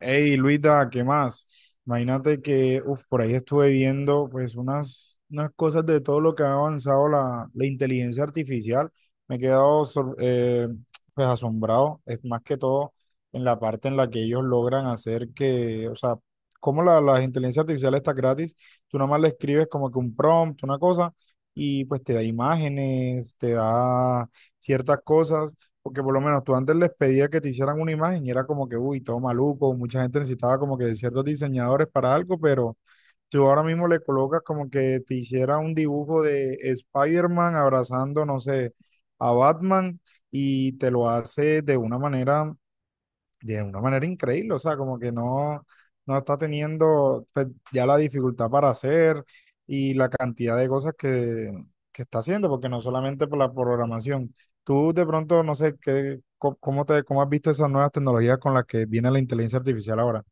Hey, Luita, ¿qué más? Imagínate que, uf, por ahí estuve viendo pues unas cosas de todo lo que ha avanzado la inteligencia artificial. Me he quedado pues asombrado, es más que todo en la parte en la que ellos logran hacer que, o sea, como la inteligencia artificial está gratis, tú nada más le escribes como que un prompt, una cosa, y pues te da imágenes, te da ciertas cosas porque por lo menos tú antes les pedías que te hicieran una imagen y era como que, uy, todo maluco, mucha gente necesitaba como que de ciertos diseñadores para algo, pero tú ahora mismo le colocas como que te hiciera un dibujo de Spider-Man abrazando, no sé, a Batman y te lo hace de una manera increíble, o sea, como que no, no está teniendo pues, ya la dificultad para hacer y la cantidad de cosas que está haciendo, porque no solamente por la programación. Tú de pronto, no sé, qué, cómo te, cómo has visto esas nuevas tecnologías con las que viene la inteligencia artificial ahora.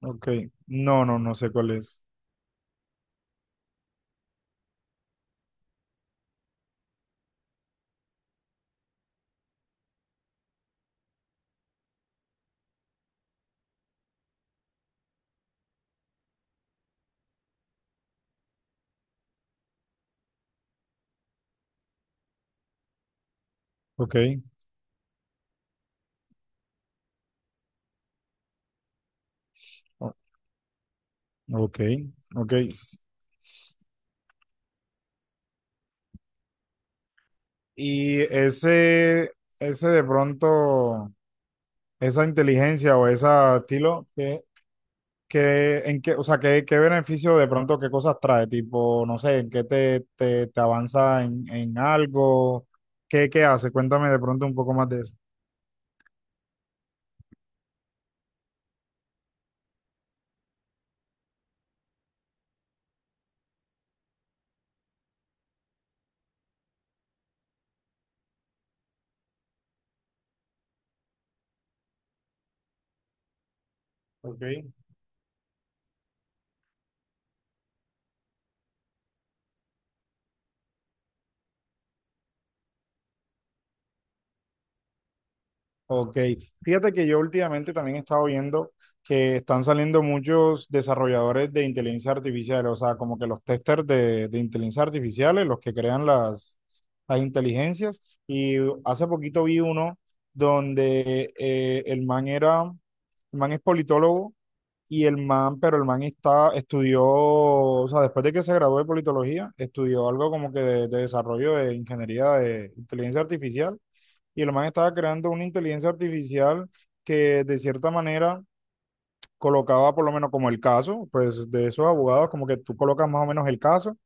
Ok, no, no, no sé cuál es. Ok, o- ok, ok. Y ese de pronto, esa inteligencia o ese estilo, ¿qué, en qué, o sea, qué, qué beneficio de pronto, qué cosas trae? Tipo, no sé, ¿en qué te, te, te avanza en algo? ¿Qué, qué hace? Cuéntame de pronto un poco más de eso. Ok. Ok, fíjate que yo últimamente también he estado viendo que están saliendo muchos desarrolladores de inteligencia artificial, o sea, como que los testers de inteligencia artificiales, los que crean las inteligencias. Y hace poquito vi uno donde el man era, el man es politólogo y el man, pero el man está, estudió, o sea, después de que se graduó de politología, estudió algo como que de desarrollo de ingeniería de inteligencia artificial y el man estaba creando una inteligencia artificial que de cierta manera colocaba por lo menos como el caso, pues de esos abogados, como que tú colocas más o menos el caso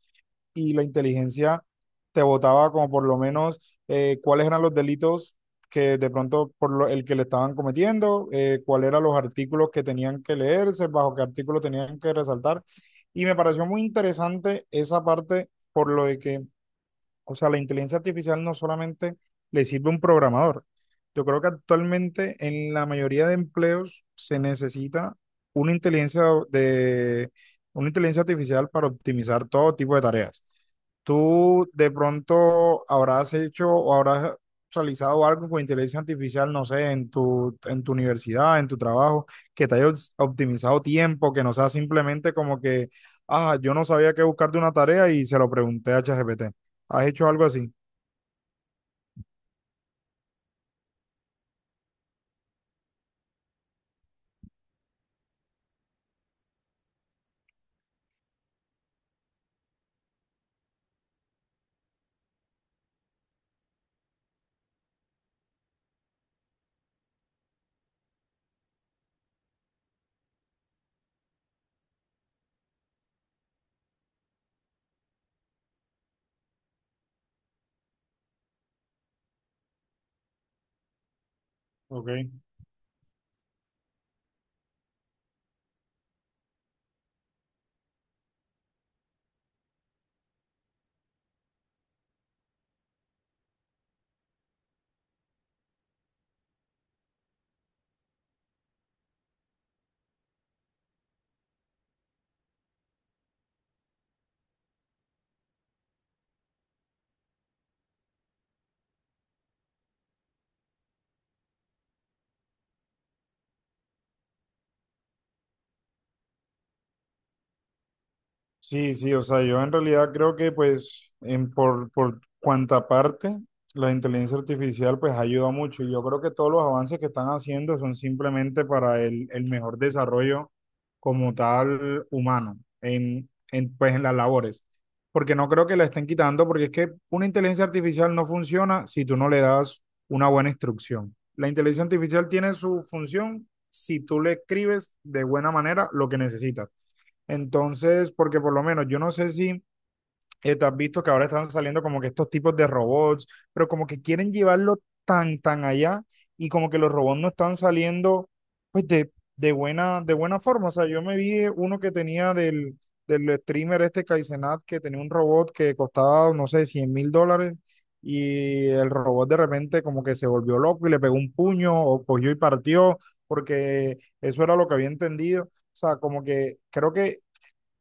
y la inteligencia te botaba como por lo menos cuáles eran los delitos que de pronto el que le estaban cometiendo, cuáles eran los artículos que tenían que leerse, bajo qué artículo tenían que resaltar. Y me pareció muy interesante esa parte por lo de que o sea, la inteligencia artificial no solamente le sirve a un programador. Yo creo que actualmente en la mayoría de empleos se necesita una inteligencia de una inteligencia artificial para optimizar todo tipo de tareas. Tú de pronto habrás hecho o habrás realizado algo con inteligencia artificial, no sé, en tu universidad, en tu trabajo, que te haya optimizado tiempo, que no sea simplemente como que, ah, yo no sabía qué buscar de una tarea y se lo pregunté a ChatGPT. ¿Has hecho algo así? Ok. Sí, sí, o sea, yo en realidad creo que pues en por cuanta parte la inteligencia artificial pues ayuda mucho y yo creo que todos los avances que están haciendo son simplemente para el mejor desarrollo como tal humano en, pues en las labores, porque no creo que la estén quitando porque es que una inteligencia artificial no funciona si tú no le das una buena instrucción. La inteligencia artificial tiene su función si tú le escribes de buena manera lo que necesitas. Entonces, porque por lo menos yo no sé si te has visto que ahora están saliendo como que estos tipos de robots, pero como que quieren llevarlo tan, tan allá y como que los robots no están saliendo pues de buena forma. O sea, yo me vi uno que tenía del, del streamer este Kaizenat que tenía un robot que costaba, no sé, $100.000 y el robot de repente como que se volvió loco y le pegó un puño o cogió y partió porque eso era lo que había entendido. O sea, como que creo que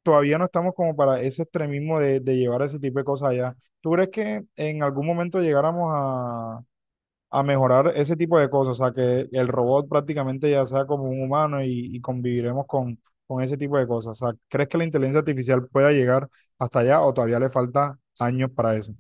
todavía no estamos como para ese extremismo de llevar ese tipo de cosas allá. ¿Tú crees que en algún momento llegáramos a mejorar ese tipo de cosas? O sea, que el robot prácticamente ya sea como un humano y conviviremos con ese tipo de cosas. O sea, ¿crees que la inteligencia artificial pueda llegar hasta allá o todavía le falta años para eso?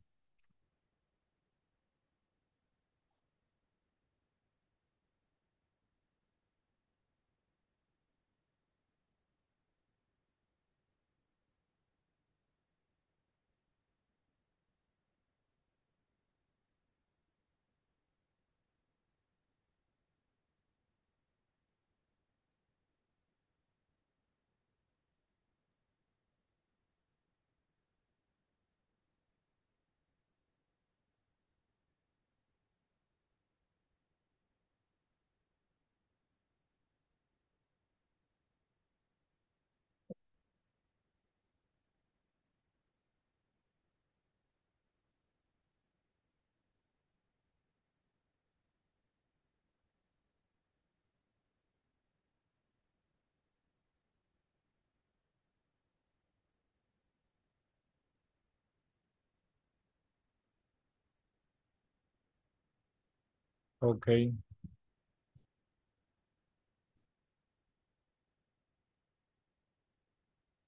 Ok,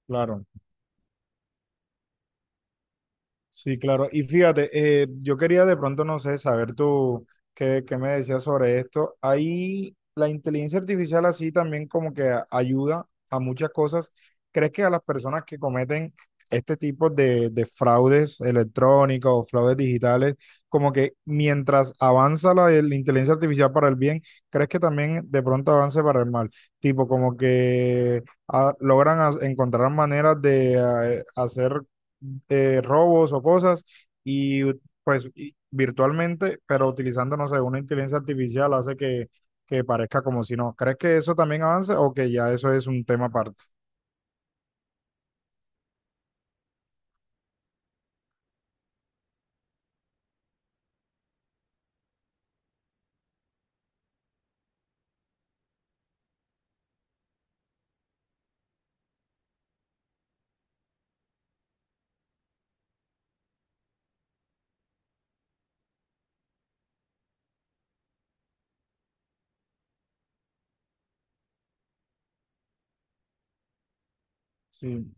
claro. Sí, claro. Y fíjate, yo quería de pronto, no sé, saber tú qué, qué me decías sobre esto. Ahí la inteligencia artificial así también como que ayuda a muchas cosas. ¿Crees que a las personas que cometen este tipo de fraudes electrónicos o fraudes digitales, como que mientras avanza la inteligencia artificial para el bien, crees que también de pronto avance para el mal? Tipo, como que ah, logran encontrar maneras de hacer robos o cosas y pues virtualmente, pero utilizando, no sé, una inteligencia artificial hace que parezca como si no. ¿Crees que eso también avance o que ya eso es un tema aparte? Sí,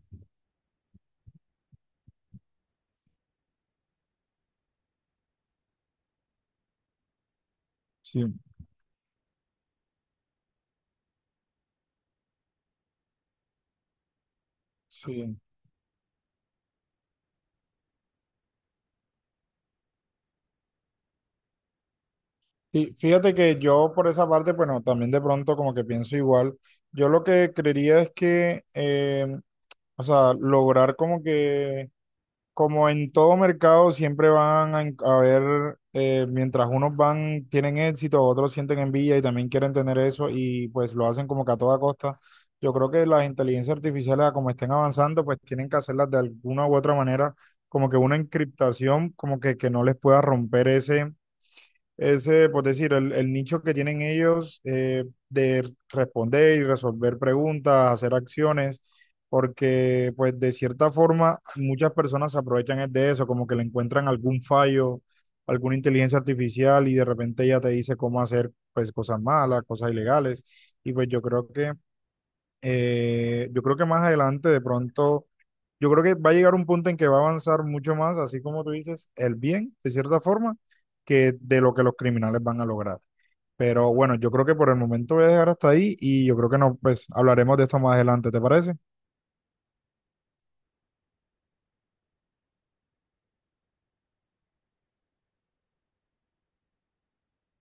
sí, sí. Y fíjate que yo por esa parte, bueno, también de pronto como que pienso igual. Yo lo que creería es que, o sea, lograr como que como en todo mercado, siempre van a, a ver, mientras unos van, tienen éxito, otros sienten envidia y también quieren tener eso y pues lo hacen como que a toda costa. Yo creo que las inteligencias artificiales, a como estén avanzando, pues tienen que hacerlas de alguna u otra manera, como que una encriptación, como que no les pueda romper ese, ese, por decir, el nicho que tienen ellos de responder y resolver preguntas, hacer acciones, porque pues de cierta forma muchas personas se aprovechan es de eso, como que le encuentran algún fallo, alguna inteligencia artificial y de repente ella te dice cómo hacer pues cosas malas, cosas ilegales. Y pues yo creo que más adelante, de pronto, yo creo que va a llegar un punto en que va a avanzar mucho más, así como tú dices, el bien, de cierta forma, que de lo que los criminales van a lograr. Pero bueno, yo creo que por el momento voy a dejar hasta ahí y yo creo que no, pues hablaremos de esto más adelante, ¿te parece?